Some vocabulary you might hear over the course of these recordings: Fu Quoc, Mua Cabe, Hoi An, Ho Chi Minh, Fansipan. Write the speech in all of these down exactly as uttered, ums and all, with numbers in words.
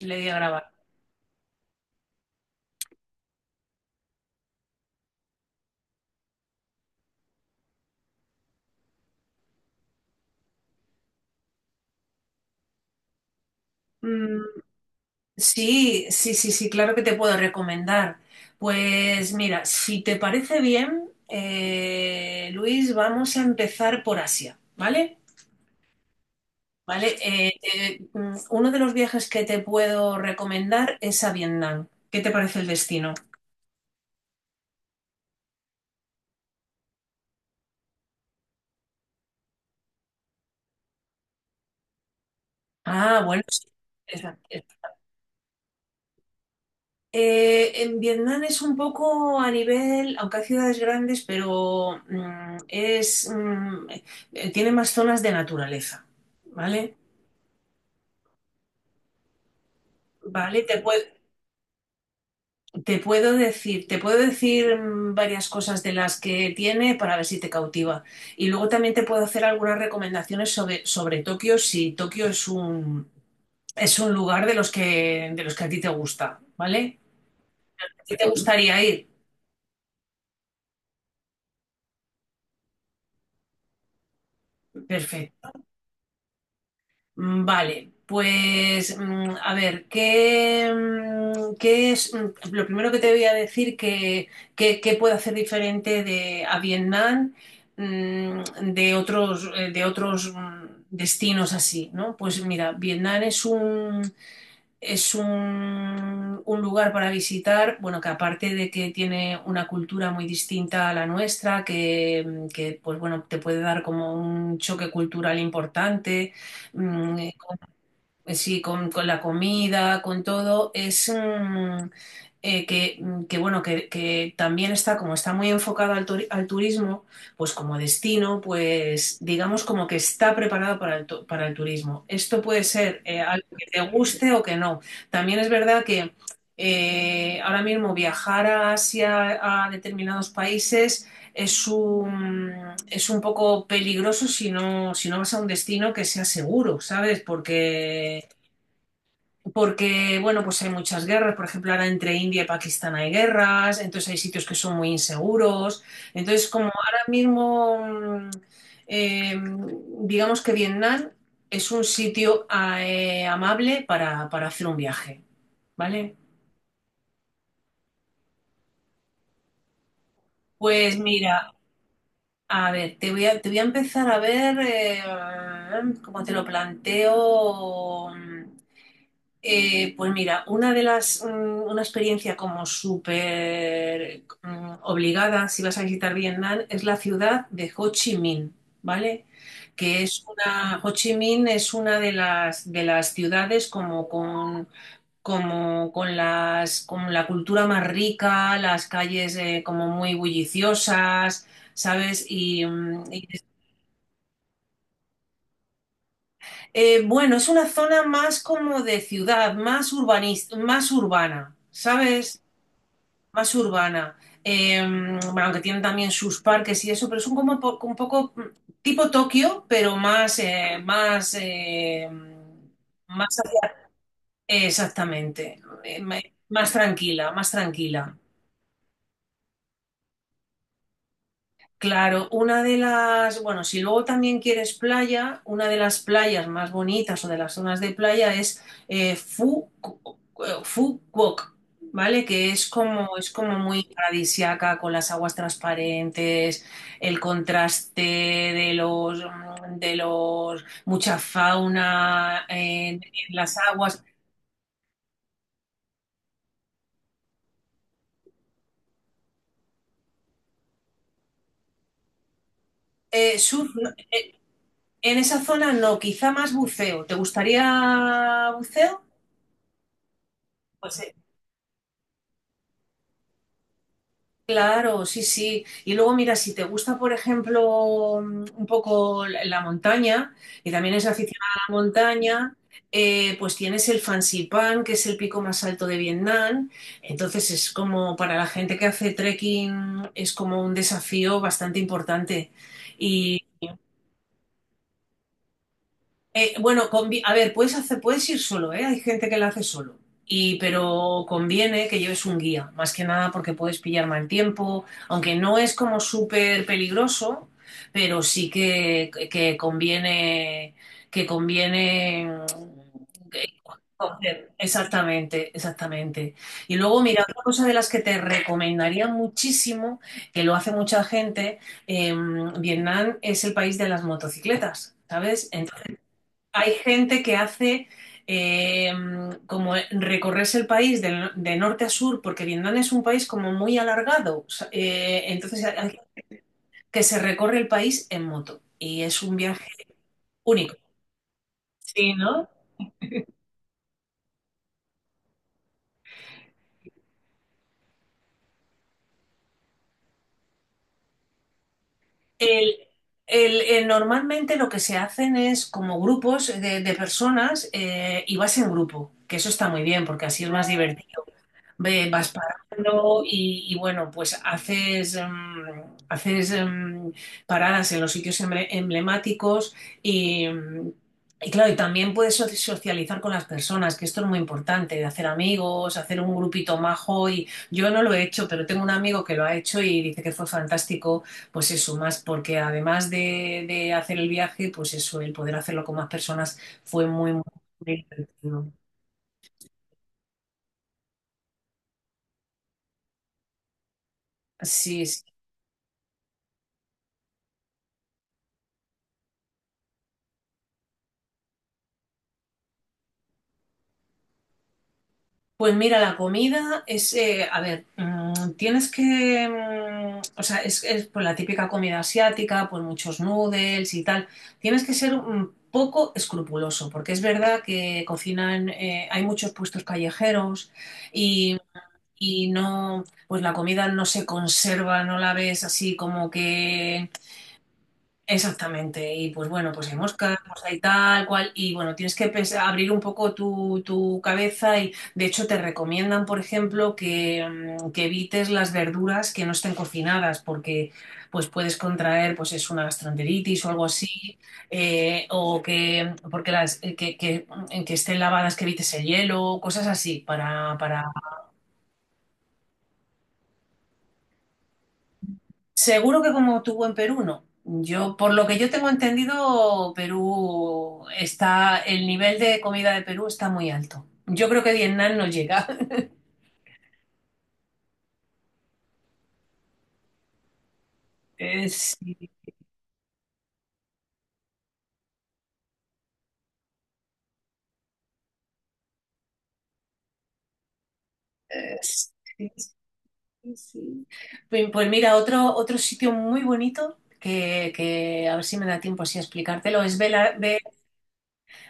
Le di a grabar. Mm, sí, sí, sí, sí, claro que te puedo recomendar. Pues mira, si te parece bien, eh, Luis, vamos a empezar por Asia, ¿vale? ¿Vale? Eh, eh, mm, uno de los viajes que te puedo recomendar es a Vietnam. ¿Qué te parece el destino? Ah, bueno, sí. Eh, en Vietnam es un poco a nivel, aunque hay ciudades grandes, pero mm, es mm, eh, tiene más zonas de naturaleza, ¿vale? Vale, te puedo te puedo decir, te puedo decir mm, varias cosas de las que tiene para ver si te cautiva. Y luego también te puedo hacer algunas recomendaciones sobre, sobre Tokio, si Tokio es un, es un lugar de los que, de los que a ti te gusta, ¿vale? Si te gustaría ir. Mm, vale, pues mm, a ver, ¿qué, mm, qué es mm, lo primero que te voy a decir que, que, que puede hacer diferente de, a Vietnam, mm, de otros, eh, de otros mm, destinos así, ¿no? Pues mira, Vietnam es un, es un, un lugar para visitar, bueno, que aparte de que tiene una cultura muy distinta a la nuestra, que, mm, que pues bueno, te puede dar como un choque cultural importante. mm, pues Sí, con, con la comida, con todo, es mm, eh, que, mm, que, bueno, que, que también está, como está muy enfocado al, turi- al turismo, pues como destino, pues digamos como que está preparado para el, tu- para el turismo. Esto puede ser eh, algo que te guste o que no. También es verdad que eh, ahora mismo viajar a Asia, a determinados países, es un, es un poco peligroso si no, si no vas a un destino que sea seguro, ¿sabes? Porque, porque, bueno, pues hay muchas guerras, por ejemplo, ahora entre India y Pakistán hay guerras, entonces hay sitios que son muy inseguros, entonces como ahora mismo, mm, eh, digamos que Vietnam es un sitio ah, eh, amable para, para hacer un viaje, ¿vale? Pues mira, a ver, te voy a, te voy a empezar a ver eh, cómo te lo planteo. Eh, pues mira, una de las, mm, una experiencia como súper mm, obligada, si vas a visitar Vietnam, es la ciudad de Ho Chi Minh, ¿vale? Que es una, Ho Chi Minh es una de las, de las ciudades como con como con las, con la cultura más rica, las calles eh, como muy bulliciosas, ¿sabes? Y, mm, y- eh, bueno, es una zona más como de ciudad, más urbanista, más urbana, ¿sabes? Más urbana. Eh, mm, bueno, aunque tienen también sus parques y eso, pero son como po- un poco mm, tipo Tokio, pero más, eh, más, eh, mm, más hacia- Exactamente. Eh, Más tranquila, más tranquila. Claro, una de las, bueno, si luego también quieres playa, una de las playas más bonitas o de las zonas de playa es eh, Fu, Fu Quoc, ¿vale? Que es como, es como muy paradisiaca con las aguas transparentes, el contraste de los, de los, mucha fauna en, en las aguas. Eh, surf, no, eh, en esa zona no, quizá más buceo. ¿Te gustaría buceo? Pues eh, claro, sí, sí. Y luego, mira, si te gusta, por ejemplo, mm, un poco la la montaña, y también es aficionada a la montaña, eh, pues tienes el Fansipan, que es el pico más alto de Vietnam. Entonces es como para la gente que hace trekking, es como un desafío bastante importante. Eh, bueno, convi- a ver, puedes hacer, puedes ir solo, ¿eh? Hay gente que la hace solo. Y, pero conviene que lleves un guía, más que nada porque puedes pillar mal tiempo, aunque no es como súper peligroso, pero sí que, que conviene, que conviene mm, que- coger. Exactamente, exactamente. Y luego, mira, otra cosa de las que te recomendaría muchísimo, que lo hace mucha gente, em, Vietnam es el país de las motocicletas, ¿sabes? Entonces, hay gente que hace eh, como recorrerse el país del- de, norte a sur, porque Vietnam es un país como muy alargado. O sea, eh, entonces hay gente que se recorre el país en moto y es un viaje único. Sí, ¿no? El- el- el- Normalmente lo que se hacen es como grupos de, de personas eh, y vas en grupo, que eso está muy bien porque así es más divertido. Ve- vas parando y, y, bueno, pues haces, em, haces em, paradas en los sitios emble- emblemáticos y, em, y claro, y también puedes so- socializar con las personas, que esto es muy importante, de hacer amigos, hacer un grupito majo y yo no lo he hecho, pero tengo un amigo que lo ha hecho y dice que fue fantástico, pues eso, más porque además de, de hacer el viaje, pues eso, el poder hacerlo con más personas fue muy, muy divertido. Sí, sí. Pues mira, la comida es, eh, a ver, mm, tienes que, mm, o sea, es, es, pues, la típica comida asiática, pues muchos noodles y tal. Tienes que ser un poco escrupuloso, porque es verdad que cocinan, eh, hay muchos puestos callejeros y, y no, pues la comida no se conserva, no la ves así como que. Exactamente, y pues bueno, pues hay moscas, pues hay tal cual, y bueno, tienes que pens- abrir un poco tu, tu cabeza y de hecho te recomiendan, por ejemplo, que, mm, que evites las verduras que no estén cocinadas porque pues puedes contraer pues es una gastroenteritis o algo así, eh, o que porque las eh, que, que, mm, que estén lavadas, que evites el hielo, cosas así para, para. Seguro que como tuvo en Perú, no. Yo, por lo que yo tengo entendido, Perú está, el nivel de comida de Perú está muy alto. Yo creo que Vietnam no llega. Eh, sí, eh, sí, sí, sí. Pues, pues mira, otro, otro sitio muy bonito que, que a ver si me da tiempo así a explicártelo es Bela- Belice.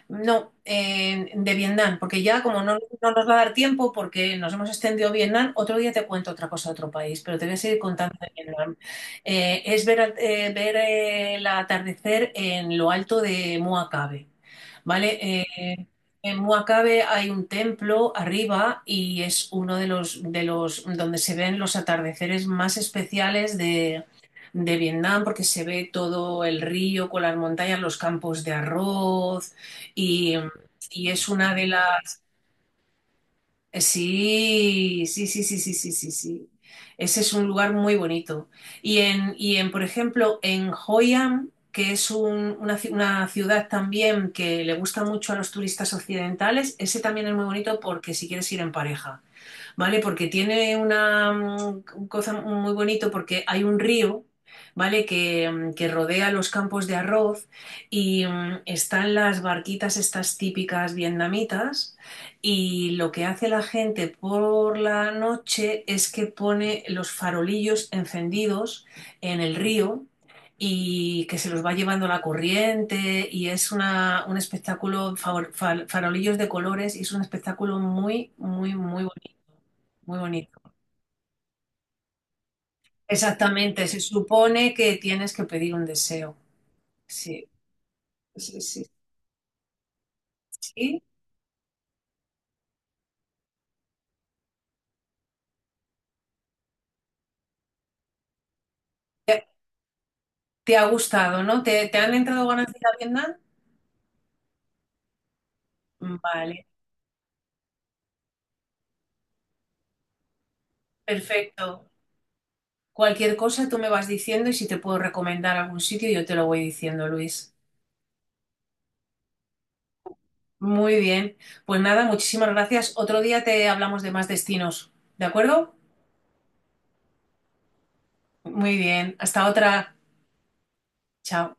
No, eh, de Vietnam, porque ya como no, no nos va a dar tiempo, porque nos hemos extendido Vietnam, otro día te cuento otra cosa de otro país, pero te voy a seguir contando de Vietnam. Eh, es ver, al- eh, ver eh, el atardecer en lo alto de Mua Cabe, ¿vale? Eh, en Mua Cabe hay un templo arriba y es uno de los, de los donde se ven los atardeceres más especiales de, de Vietnam, porque se ve todo el río con las montañas, los campos de arroz y, y es una de las... Sí, sí, sí, sí, sí, sí, sí, sí. Ese es un lugar muy bonito. Y en, y en por ejemplo, en Hoi An, que es un- una, ci- una ciudad también que le gusta mucho a los turistas occidentales, ese también es muy bonito porque si quieres ir en pareja, ¿vale? Porque tiene una mm, cosa muy bonito porque hay un río, ¿vale? Que, mm, que rodea los campos de arroz y mm, están las barquitas estas típicas vietnamitas y lo que hace la gente por la noche es que pone los farolillos encendidos en el río y que se los va llevando la corriente y es una, un espectáculo, favor- fal- farolillos de colores y es un espectáculo muy, muy, muy bonito. Muy bonito. Exactamente, se supone que tienes que pedir un deseo. Sí, sí, sí, sí. ¿Te ha gustado, no? ¿Te, te han entrado ganas de ir a Vietnam? Vale, perfecto. Cualquier cosa tú me vas diciendo y si te puedo recomendar algún sitio yo te lo voy diciendo, Luis. Muy bien. Pues nada, muchísimas gracias. Otro día te hablamos de más destinos, ¿de acuerdo? Muy bien. Hasta otra. Chao.